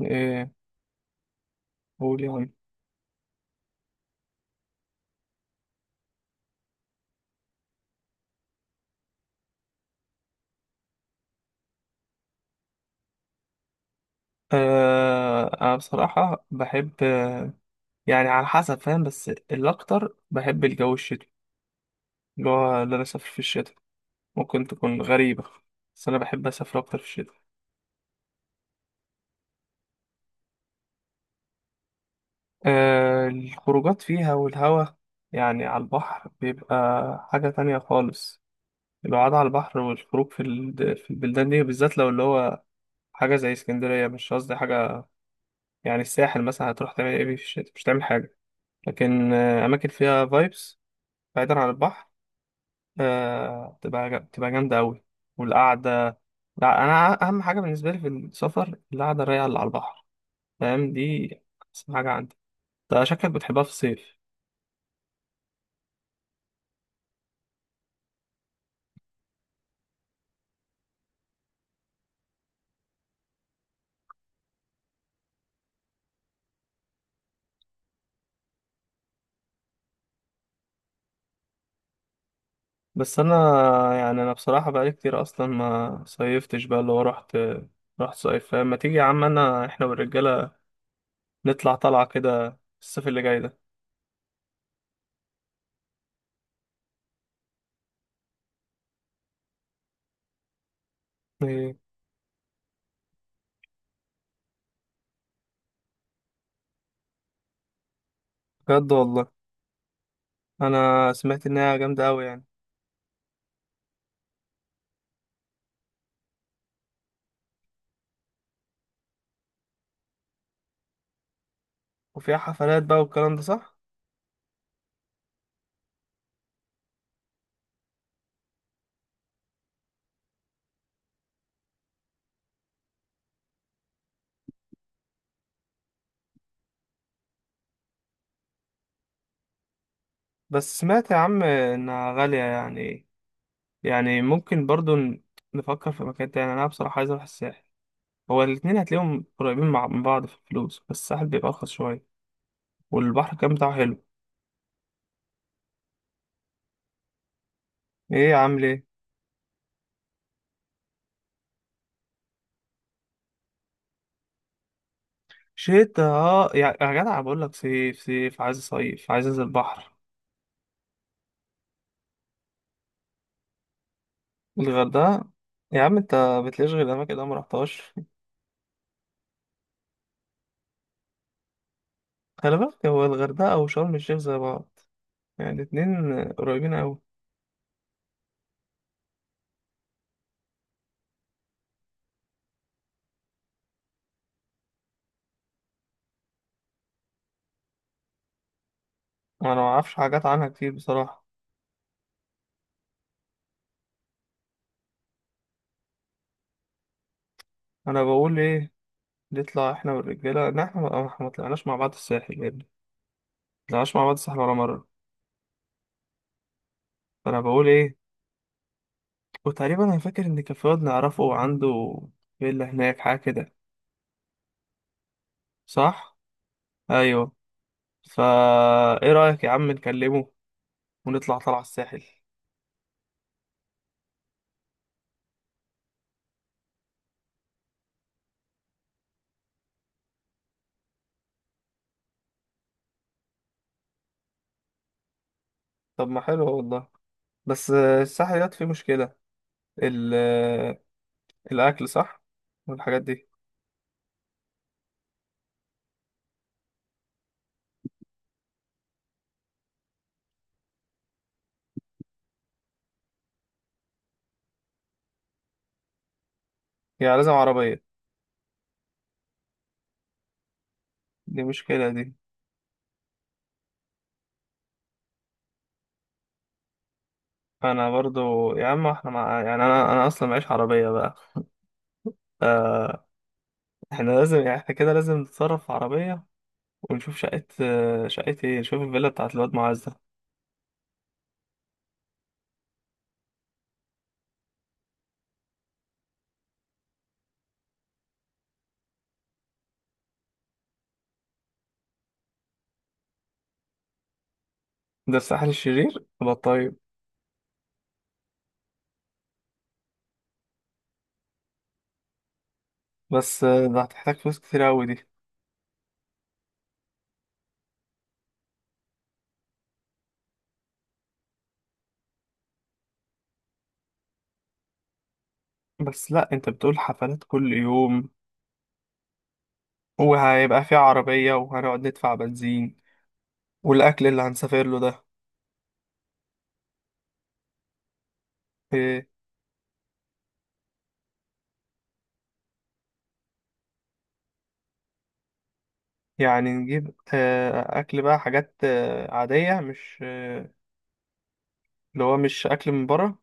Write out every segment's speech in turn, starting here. ايه؟ قول يا عم. آه، انا بصراحة بحب يعني على حسب، فاهم؟ بس الاكتر بحب الجو الشتوي، اللي هو اللي انا اسافر في الشتاء. ممكن تكون غريبة، بس انا بحب اسافر اكتر في الشتاء. آه، الخروجات فيها والهوا، يعني على البحر بيبقى حاجة تانية خالص. القعدة على البحر والخروج في البلدان دي بالذات، لو اللي هو حاجة زي اسكندرية. مش قصدي حاجة يعني الساحل، مثلا هتروح تعمل ايه في الشتاء؟ مش تعمل حاجة. لكن آه، أماكن فيها فايبس بعيدا عن البحر، آه، تبقى تبقى جامدة أوي، والقعدة. لا، أنا أهم حاجة بالنسبة لي في السفر القعدة الرايقة اللي على البحر، فاهم دي؟ أحسن حاجة عندي. أنت شكلك بتحبها في الصيف. بس أنا يعني أنا بصراحة بقالي كتير أصلا ما صيفتش بقى، اللي هو رحت صيف، فما تيجي يا عم أنا، إحنا والرجالة، نطلع طلعة كده الصيف اللي جاي ده. إيه؟ بجد والله. أنا سمعت إنها جامدة أوي يعني. وفيها حفلات بقى والكلام ده، صح؟ بس سمعت يا عم انها غالية يعني، يعني ممكن برضو نفكر في مكان تاني. انا بصراحة عايز اروح الساحل. هو الاتنين هتلاقيهم قريبين مع من بعض في الفلوس، بس الساحل بيبقى ارخص شوية، والبحر كان بتاعه حلو. ايه يا عم ليه؟ شتا؟ اه يا جدع بقول لك صيف، صيف، عايز صيف، عايز انزل البحر. الغردقة؟ يا عم انت بتلاقيش غير الاماكن اللي انا مرحتهاش. خلي بالك، هو الغردقة وشرم الشيخ زي بعض، يعني الاتنين قريبين اوي. انا معرفش حاجات عنها كتير بصراحة. انا بقول ايه، نطلع احنا والرجاله. لا، احنا ما إحنا ما طلعناش مع بعض الساحل يا ابني، ما طلعناش مع بعض الساحل ولا مره. فانا بقول ايه، وتقريبا انا فاكر ان كان في واد نعرفه عنده فيلا هناك، حاجه كده. صح؟ ايوه. فا ايه رايك يا عم نكلمه ونطلع طلع الساحل؟ طب ما حلو والله. بس الساحل ده فيه مشكله، ال... الاكل، صح؟ والحاجات دي. يعني لازم عربيه. دي مشكله دي. انا برضو يا عم يعني انا اصلا معيش عربيه بقى، آه، احنا لازم يعني احنا كده لازم نتصرف في عربية، ونشوف شقة آه، شقة ايه، نشوف الفيلا بتاعت الواد معاذ ده. ده الساحل الشرير يبقى؟ طيب. بس آه، ده هتحتاج فلوس كتير أوي دي. بس لأ، انت بتقول حفلات كل يوم، وهيبقى في عربية وهنقعد ندفع بنزين، والأكل اللي هنسافر له ده. إيه؟ يعني نجيب آه، أكل بقى، حاجات آه، عادية، مش آه، اللي هو مش أكل من بره.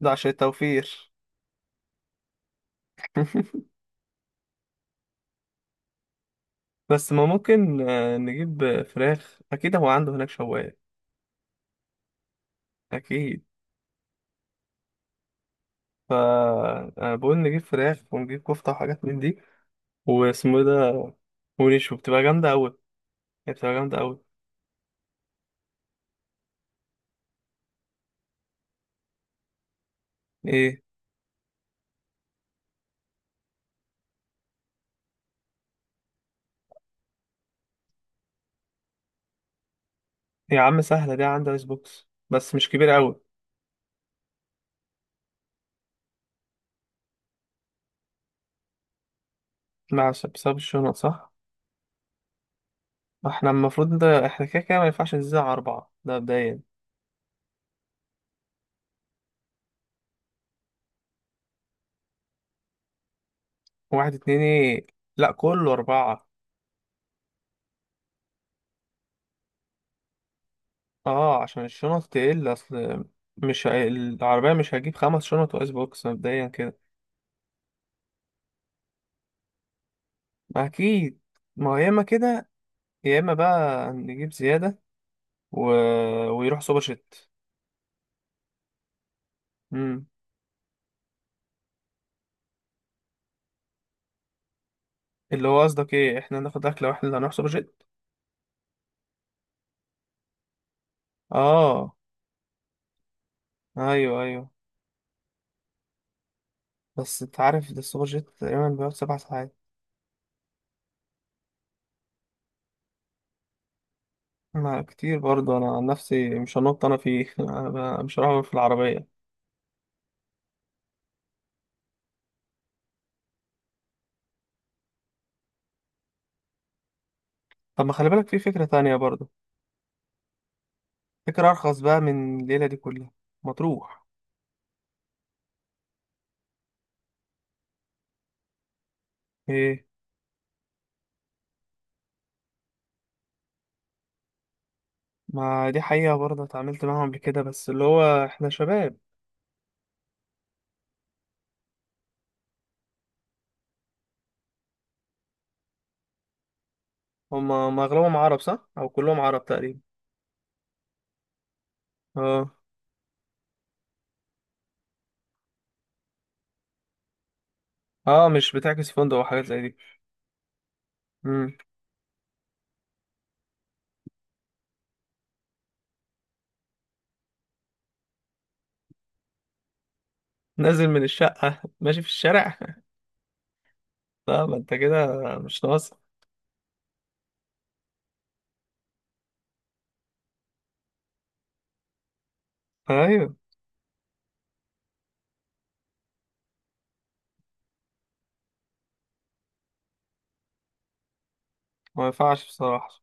ده عشان التوفير. بس ما ممكن آه، نجيب آه، فراخ، أكيد هو عنده هناك شواية. أكيد. فأنا بقول نجيب فراخ ونجيب كفتة وحاجات من دي، واسمه إيه ده، ونشوي، بتبقى جامدة أوي، هي بتبقى جامدة أوي. إيه؟ يا عم سهلة دي، عندها ايس بوكس بس مش كبيرة أوي. مع بسبب الشنط، صح؟ احنا المفروض ده، احنا كده كده ما ينفعش نزيد عن أربعة ده مبدئيا. واحد اتنين إيه؟ لأ، كله أربعة. اه عشان الشنط تقل أصل، مش هي- العربية مش هجيب خمس شنط وآيس بوكس مبدئيا كده. أكيد. ما هو يا إما كده، يا إما بقى نجيب زيادة، و... ويروح سوبر جيت. امم. اللي هو قصدك ايه، احنا ناخد اكله واحنا اللي هنروح سوبر جيت؟ اه، ايوه ايوه. بس انت عارف ده السوبر جيت تقريبا بيقعد 7 ساعات. ما كتير برضه. انا عن نفسي مش هنط انا فيه، أنا مش هروح في العربيه. طب ما خلي بالك في فكره تانية برضه، فكره ارخص بقى من الليله دي كلها. ما تروح. ايه؟ ما دي حقيقه برضه، اتعاملت معاهم قبل كده، بس اللي هو احنا شباب. هم اغلبهم عرب، صح؟ او كلهم عرب تقريبا. اه اه. مش بتعكس فندق وحاجات زي دي. نازل من الشقة ماشي في الشارع؟ لا ما انت كده مش ناقص. ايوه ما ينفعش بصراحة.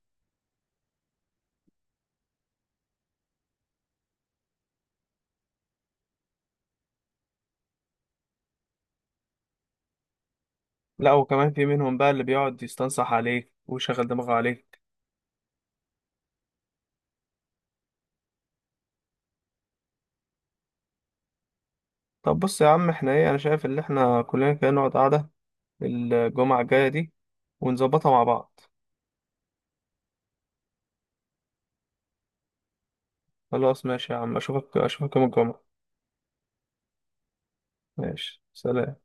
لا، وكمان في منهم بقى اللي بيقعد يستنصح عليك ويشغل دماغه عليك. طب بص يا عم، احنا ايه، انا شايف ان احنا كلنا كده نقعد قعدة الجمعة الجاية دي، ونظبطها مع بعض. خلاص ماشي يا عم، اشوفك يوم الجمعة. ماشي، سلام.